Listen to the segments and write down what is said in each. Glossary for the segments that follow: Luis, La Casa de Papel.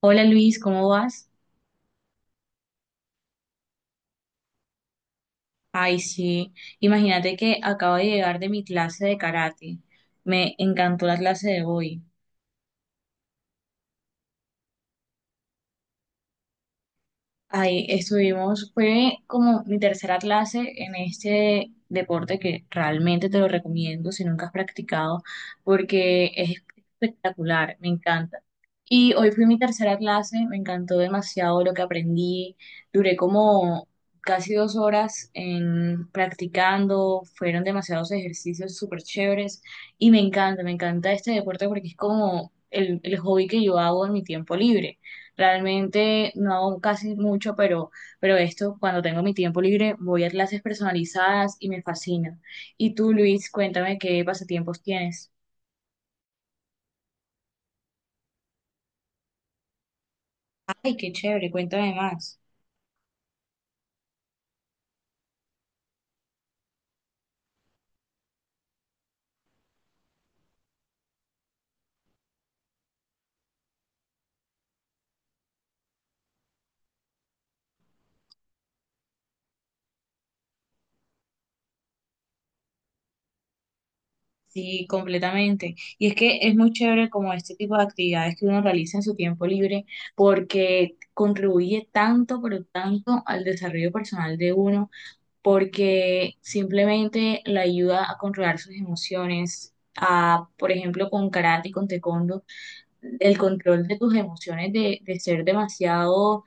Hola Luis, ¿cómo vas? Ay, sí, imagínate que acabo de llegar de mi clase de karate. Me encantó la clase de hoy. Ahí estuvimos, fue como mi tercera clase en este deporte que realmente te lo recomiendo si nunca has practicado, porque es espectacular, me encanta. Y hoy fue mi tercera clase, me encantó demasiado lo que aprendí, duré como casi dos horas en practicando, fueron demasiados ejercicios súper chéveres y me encanta este deporte porque es como el hobby que yo hago en mi tiempo libre. Realmente no hago casi mucho, pero esto, cuando tengo mi tiempo libre, voy a clases personalizadas y me fascina. Y tú, Luis, cuéntame qué pasatiempos tienes. Ay, qué chévere, cuéntame más. Sí, completamente. Y es que es muy chévere como este tipo de actividades que uno realiza en su tiempo libre porque contribuye tanto, pero tanto al desarrollo personal de uno, porque simplemente le ayuda a controlar sus emociones, a, por ejemplo, con karate y con taekwondo el control de tus emociones, de ser demasiado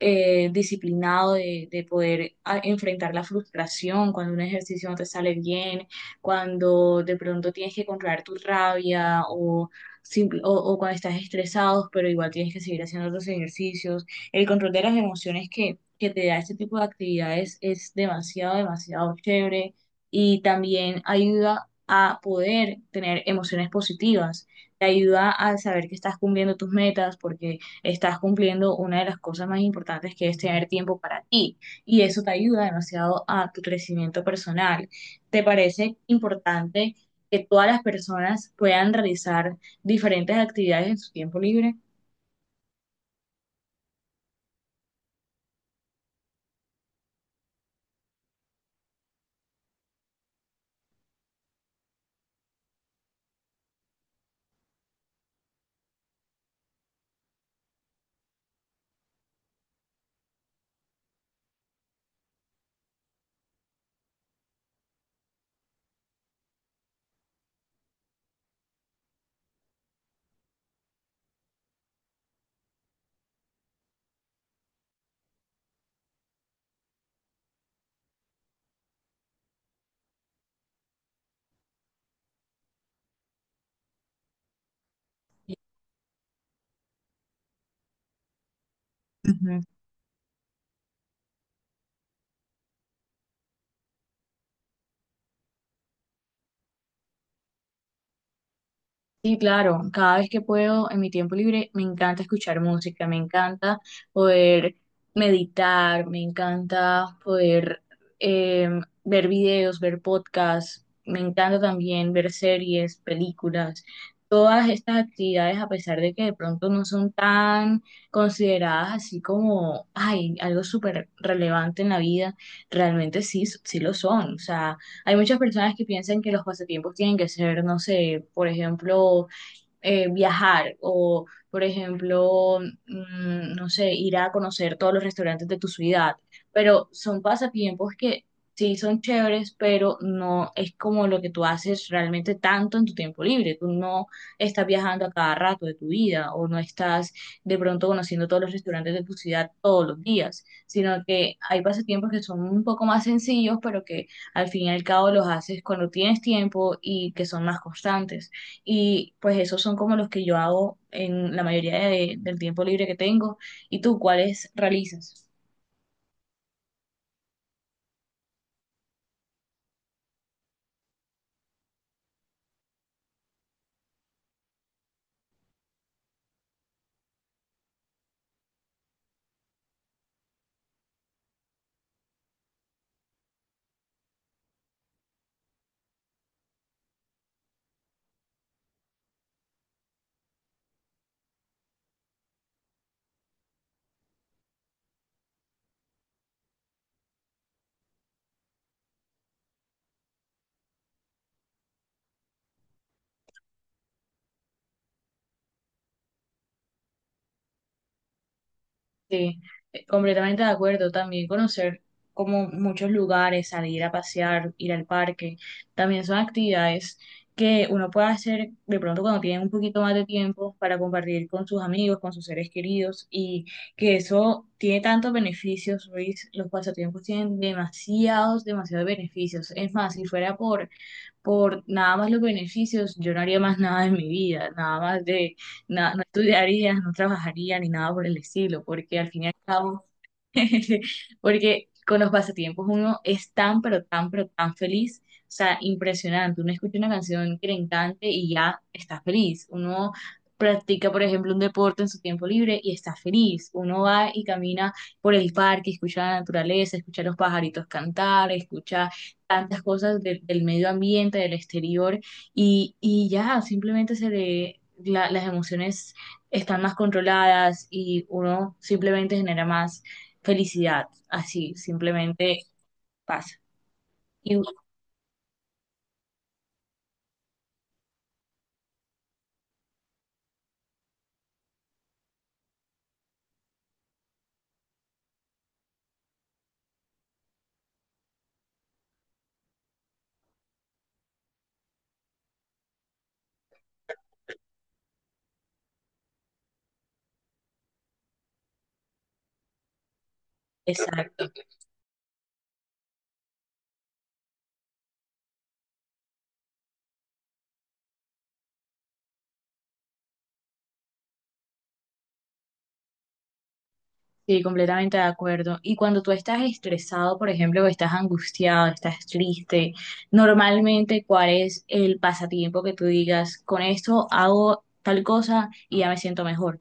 disciplinado de poder enfrentar la frustración cuando un ejercicio no te sale bien, cuando de pronto tienes que controlar tu rabia o, o cuando estás estresado, pero igual tienes que seguir haciendo otros ejercicios. El control de las emociones que te da este tipo de actividades es demasiado, demasiado chévere y también ayuda a poder tener emociones positivas. Te ayuda a saber que estás cumpliendo tus metas porque estás cumpliendo una de las cosas más importantes que es tener tiempo para ti y eso te ayuda demasiado a tu crecimiento personal. ¿Te parece importante que todas las personas puedan realizar diferentes actividades en su tiempo libre? Ujú. Sí, claro, cada vez que puedo en mi tiempo libre me encanta escuchar música, me encanta poder meditar, me encanta poder eh, ver videos, ver podcasts, me encanta también ver series, películas. Todas estas actividades, a pesar de que de pronto no son tan consideradas así como, ay, algo súper relevante en la vida, realmente sí, sí lo son. O sea, hay muchas personas que piensan que los pasatiempos tienen que ser, no sé, por ejemplo, viajar o, por ejemplo, no sé, ir a conocer todos los restaurantes de tu ciudad. Pero son pasatiempos que sí son chéveres, pero no es como lo que tú haces realmente tanto en tu tiempo libre. Tú no estás viajando a cada rato de tu vida o no estás de pronto conociendo todos los restaurantes de tu ciudad todos los días, sino que hay pasatiempos que son un poco más sencillos, pero que al fin y al cabo los haces cuando tienes tiempo y que son más constantes. Y pues esos son como los que yo hago en la mayoría del tiempo libre que tengo. ¿Y tú cuáles realizas? Sí, completamente de acuerdo. También conocer como muchos lugares, salir a pasear, ir al parque, también son actividades que uno puede hacer de pronto cuando tiene un poquito más de tiempo para compartir con sus amigos, con sus seres queridos y que eso tiene tantos beneficios, Luis. Los pasatiempos tienen demasiados, demasiados beneficios. Es más, si fuera por nada más los beneficios, yo no haría más nada en mi vida, nada más de, no estudiaría, no trabajaría ni nada por el estilo, porque al fin y al cabo porque con los pasatiempos uno es tan, pero tan, pero tan feliz. O sea, impresionante. Uno escucha una canción que le encante y ya está feliz. Uno practica, por ejemplo, un deporte en su tiempo libre y está feliz. Uno va y camina por el parque, escucha la naturaleza, escucha los pajaritos cantar, escucha tantas cosas del medio ambiente, del exterior y ya simplemente se le las emociones están más controladas y uno simplemente genera más felicidad, así, simplemente pasa. Y, bueno, exacto, sí, completamente de acuerdo. Y cuando tú estás estresado, por ejemplo, o estás angustiado, estás triste, normalmente, ¿cuál es el pasatiempo que tú digas, con esto hago tal cosa y ya me siento mejor?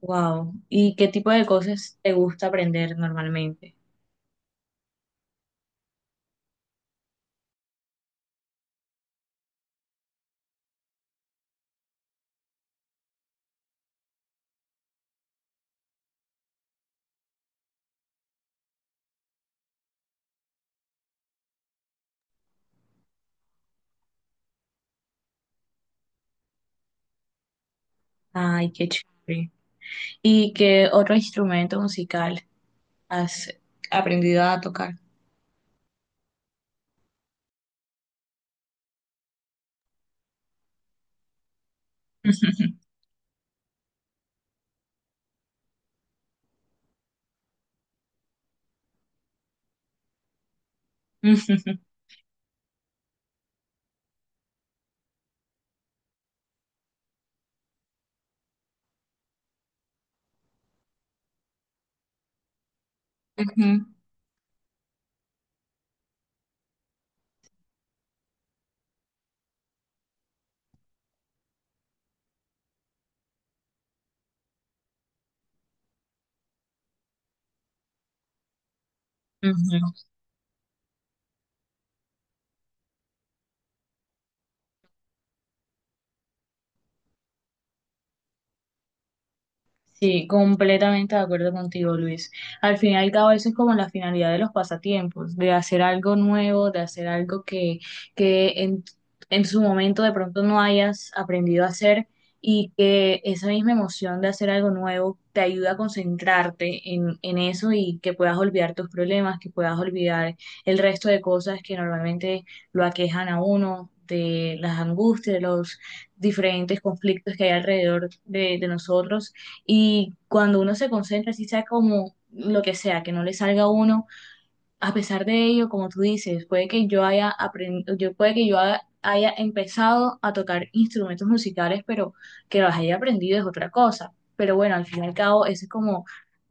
Wow. ¿Y qué tipo de cosas te gusta aprender normalmente? Ay, qué chévere. ¿Y qué otro instrumento musical has aprendido a tocar? Ujú, ujú, ujú. Sí, completamente de acuerdo contigo, Luis. Al fin y al cabo, eso es como la finalidad de los pasatiempos, de hacer algo nuevo, de hacer algo que en su momento de pronto no hayas aprendido a hacer y que esa misma emoción de hacer algo nuevo te ayuda a concentrarte en eso y que puedas olvidar tus problemas, que puedas olvidar el resto de cosas que normalmente lo aquejan a uno, de las angustias, de los diferentes conflictos que hay alrededor de nosotros y cuando uno se concentra, si sea como lo que sea, que no le salga a uno, a pesar de ello, como tú dices, puede que yo haya aprendido, yo puede que haya empezado a tocar instrumentos musicales, pero que los haya aprendido es otra cosa. Pero bueno, al fin y al cabo, eso es como,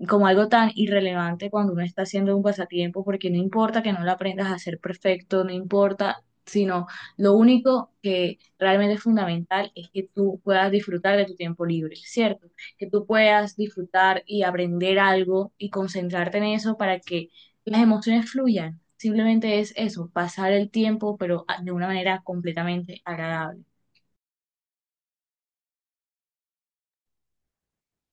como algo tan irrelevante cuando uno está haciendo un pasatiempo, porque no importa que no lo aprendas a ser perfecto, no importa, sino lo único que realmente es fundamental es que tú puedas disfrutar de tu tiempo libre, ¿cierto? Que tú puedas disfrutar y aprender algo y concentrarte en eso para que las emociones fluyan. Simplemente es eso, pasar el tiempo, pero de una manera completamente agradable.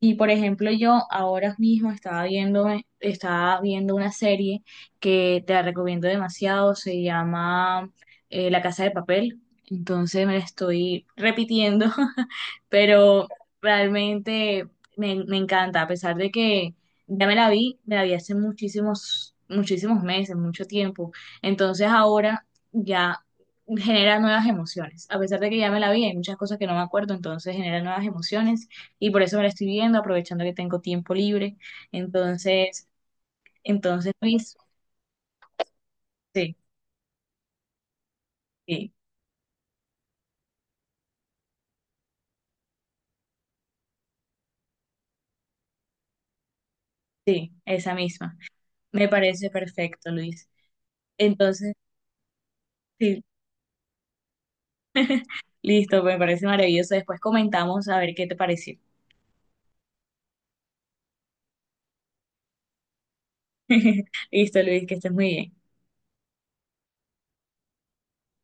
Y por ejemplo, yo ahora mismo estaba viendo una serie que te la recomiendo demasiado, se llama La Casa de Papel. Entonces me la estoy repitiendo, pero realmente me, me encanta, a pesar de que ya me la vi hace muchísimos, muchísimos meses, mucho tiempo. Entonces ahora ya genera nuevas emociones. A pesar de que ya me la vi, hay muchas cosas que no me acuerdo, entonces genera nuevas emociones y por eso me la estoy viendo, aprovechando que tengo tiempo libre. Entonces, entonces, Luis, sí, sí, sí, esa misma. Me parece perfecto, Luis. Entonces, sí, listo, me parece maravilloso. Después comentamos a ver qué te pareció. Listo, Luis, que estés muy bien.